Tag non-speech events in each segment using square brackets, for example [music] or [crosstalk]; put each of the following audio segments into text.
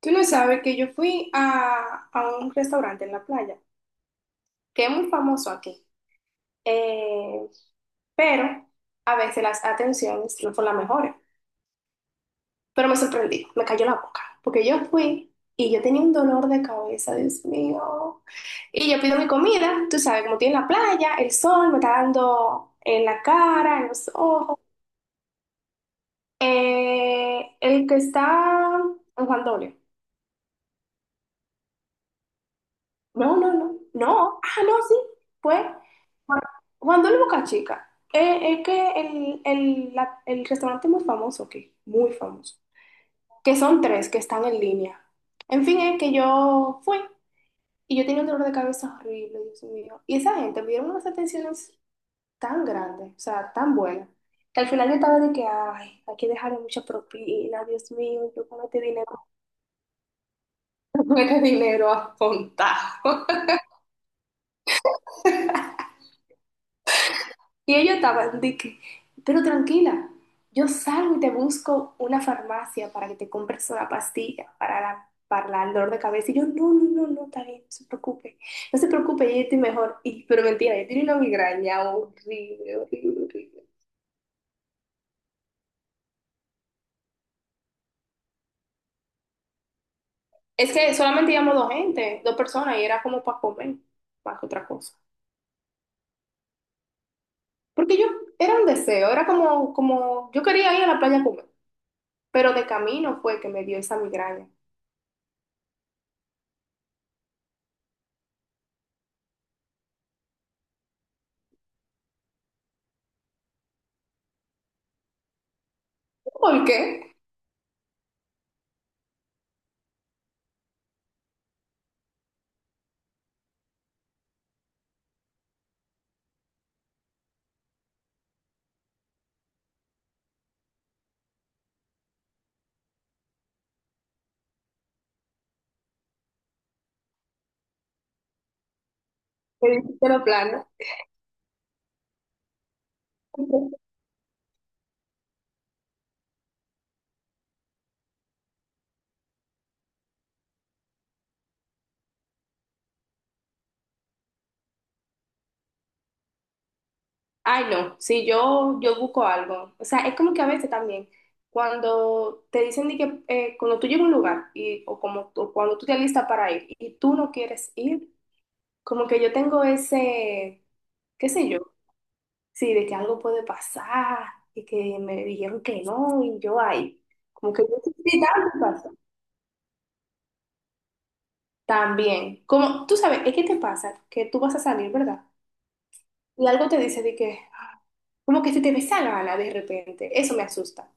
Tú no sabes que yo fui a un restaurante en la playa, que es muy famoso aquí, eh, pero a veces las atenciones no son las mejores. Pero me sorprendí, me cayó la boca, porque yo fui y yo tenía un dolor de cabeza, Dios mío. Y yo pido mi comida, tú sabes, como estoy en la playa, el sol me está dando en la cara, en los ojos. El que está en Juan Dolio. No, no, no, no, ah, no, sí, fue Juan Juan del Boca Chica. Es que el restaurante muy famoso aquí, muy famoso, que son tres que están en línea. En fin, es que yo fui y yo tenía un dolor de cabeza horrible, Dios mío. Y esa gente me dieron unas atenciones tan grandes, o sea, tan buenas, que al final yo estaba de que, ay, hay que dejarle mucha propina, Dios mío, yo con este dinero, [laughs] con este dinero apuntado. Y ellos estaban de que, pero tranquila, yo salgo y te busco una farmacia para que te compres una pastilla para el dolor de cabeza. Y yo, no, no, no, no, está bien, no se preocupe, no se preocupe, yo estoy mejor. Y, pero mentira, yo tenía una migraña horrible, horrible, horrible. Es que solamente íbamos dos gente, dos personas, y era como para comer, más que otra cosa. Porque yo, era un deseo, era como, yo quería ir a la playa a comer, pero de camino fue que me dio esa migraña. ¿Por qué? Me dijiste lo plano. Ay, no, sí, yo busco algo. O sea, es como que a veces también, cuando te dicen de que cuando tú llegas a un lugar y, o como cuando tú te alistas para ir y tú no quieres ir, como que yo tengo ese, qué sé yo, sí, de que algo puede pasar y que me dijeron que no y yo ahí. Como que yo sí, también pasa. También, como tú sabes, es que te pasa que tú vas a salir, ¿verdad? Y algo te dice de que, ah, como que se te ve esa gana de repente. Eso me asusta.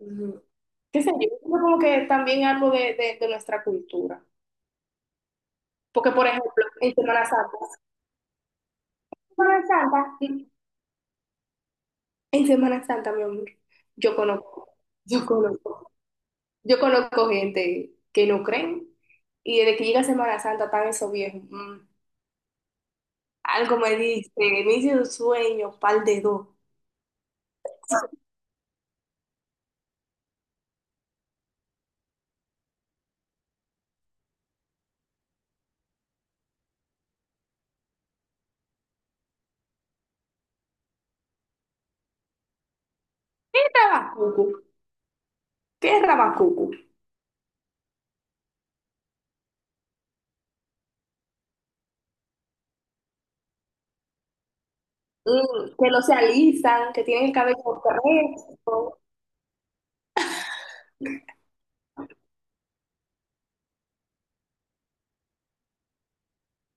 Ujú. ¿Qué sé yo? Yo creo como que también algo de de nuestra cultura. Porque, por ejemplo, en Semana Santa, Semana Santa, en Semana Santa, mi amor, yo conozco, yo conozco, yo conozco gente que no creen y desde que llega Semana Santa están esos viejos. Mm, algo me dice, me hice un sueño, pal de dos. ¿Qué rabacucu? ¿Qué rabacucu? Mm, que no se alisan, que tienen el cabello correcto.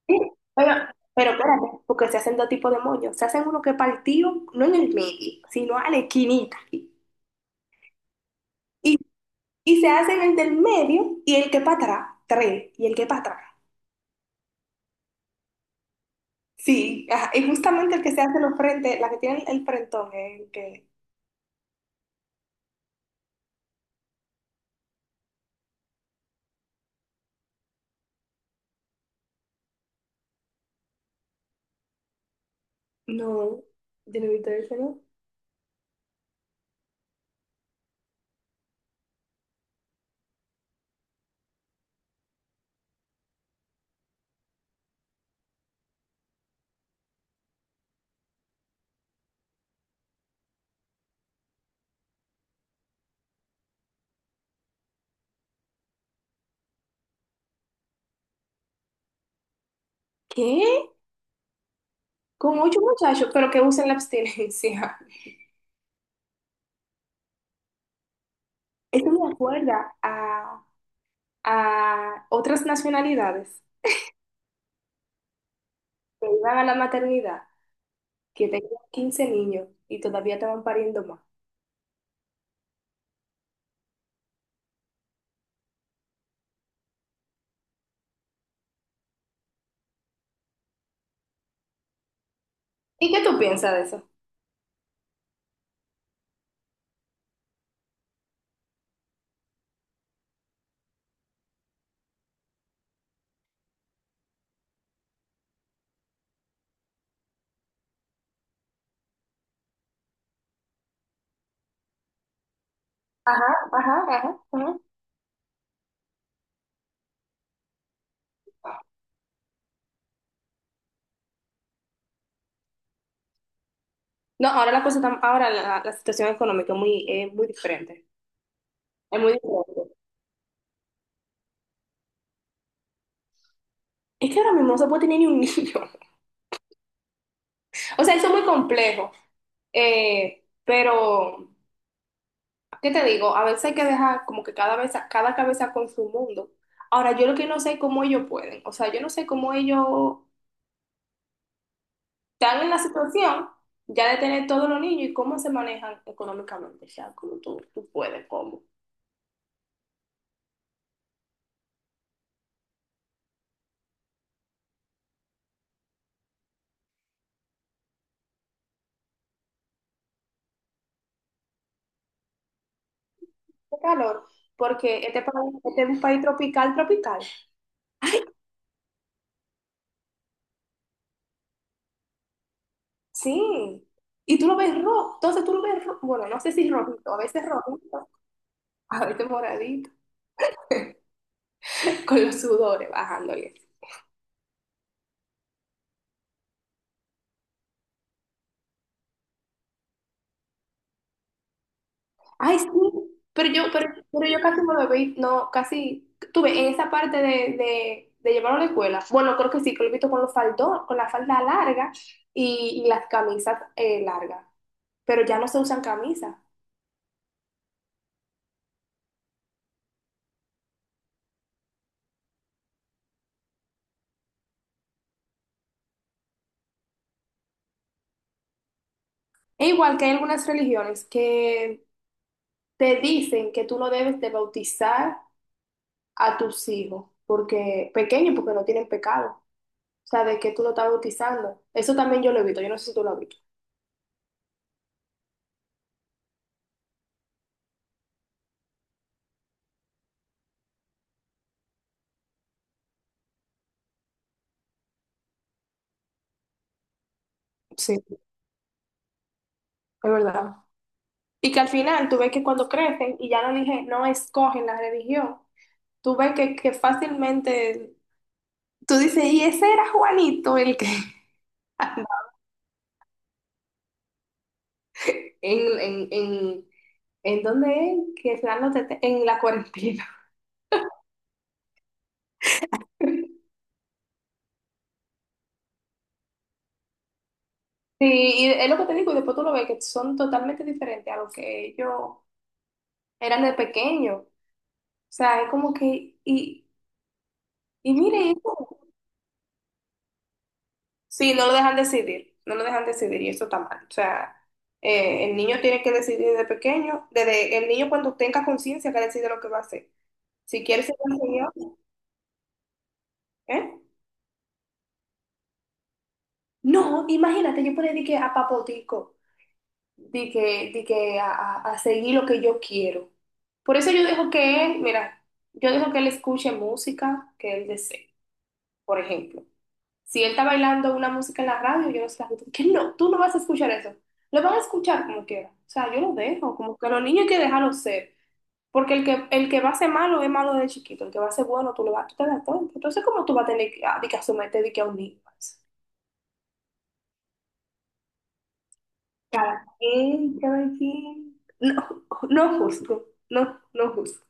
Sí, pero, pero espérate, porque se hacen dos tipos de moños. Se hacen uno que es partido, no en el medio, sino a la esquinita. Aquí. Y, y se hacen el del medio y el que para atrás, tres, y el que para atrás. Sí, ajá, y justamente el que se hace los frentes, la que tiene el frentón, es el que... No, yo no he visto ese, ¿no? ¿Qué? Con ocho muchachos, pero que usen la abstinencia. [laughs] Eso me acuerda a otras nacionalidades que iban a la maternidad, que tengo 15 niños y todavía te van pariendo más. ¿Y qué tú piensas de eso? Ajá, ajá, ajá, ajá. No, ahora la situación económica es muy diferente. Es muy diferente. Es que ahora mismo no se puede tener ni un niño. [laughs] O sea, eso es muy complejo. Eh, pero, ¿Qué te digo? A veces hay que dejar como que cada vez, cada cabeza con su mundo. Ahora, yo lo que no sé es cómo ellos pueden. O sea, yo no sé cómo ellos están en la situación ya de tener todos los niños y cómo se manejan económicamente, o sea, cómo tú puedes, cómo. Qué calor, porque este es un país tropical, tropical. Sí, y tú lo ves rojo, entonces tú lo ves rojo, bueno, no sé si rojito, a veces rojito, a veces moradito, [laughs] con los sudores bajándole. Ay, sí, pero yo casi no lo vi, no, casi, tuve en esa parte de, de llevarlo a la escuela. Bueno, creo que sí, que lo he visto con los faldos, con la falda larga y las camisas largas, pero ya no se usan camisas. Es igual que hay algunas religiones que te dicen que tú no debes de bautizar a tus hijos, porque pequeños, porque no tienen pecado. O sea, de que tú lo estás bautizando. Eso también yo lo he visto, yo no sé si tú lo has visto. Sí, es verdad. Y que al final tú ves que cuando crecen y ya no dije, no escogen la religión, tú ves que fácilmente, tú dices, y ese era Juanito el que, [laughs] en, en, en, en dónde es, que se dan en la cuarentena. Sí, y es lo que te digo, y después tú lo ves que son totalmente diferentes a lo que ellos eran de pequeño. O sea, es como que, y mire, eso. Sí, no lo dejan decidir, no lo dejan decidir y eso está mal. O sea, el niño tiene que decidir desde pequeño, desde el niño cuando tenga conciencia que decide lo que va a hacer. Si quiere ser ingeniero, ¿eh? No, imagínate, yo por ahí di que a papotico, di que a, a seguir lo que yo quiero. Por eso yo dejo que él, mira, yo dejo que él escuche música que él desee, por ejemplo. Si él está bailando una música en la radio, yo no sé, que no, tú no vas a escuchar eso. Lo van a escuchar como quiera. O sea, yo lo dejo, como que los niños hay que dejarlos ser. Porque el que va a ser malo es malo de chiquito, el que va a ser bueno, tú lo vas, tú te das cuenta. Entonces, ¿cómo tú vas a tener que, ah, de que asumirte de que a un niño? Cada quien, cada quien. No, no justo, no, no justo.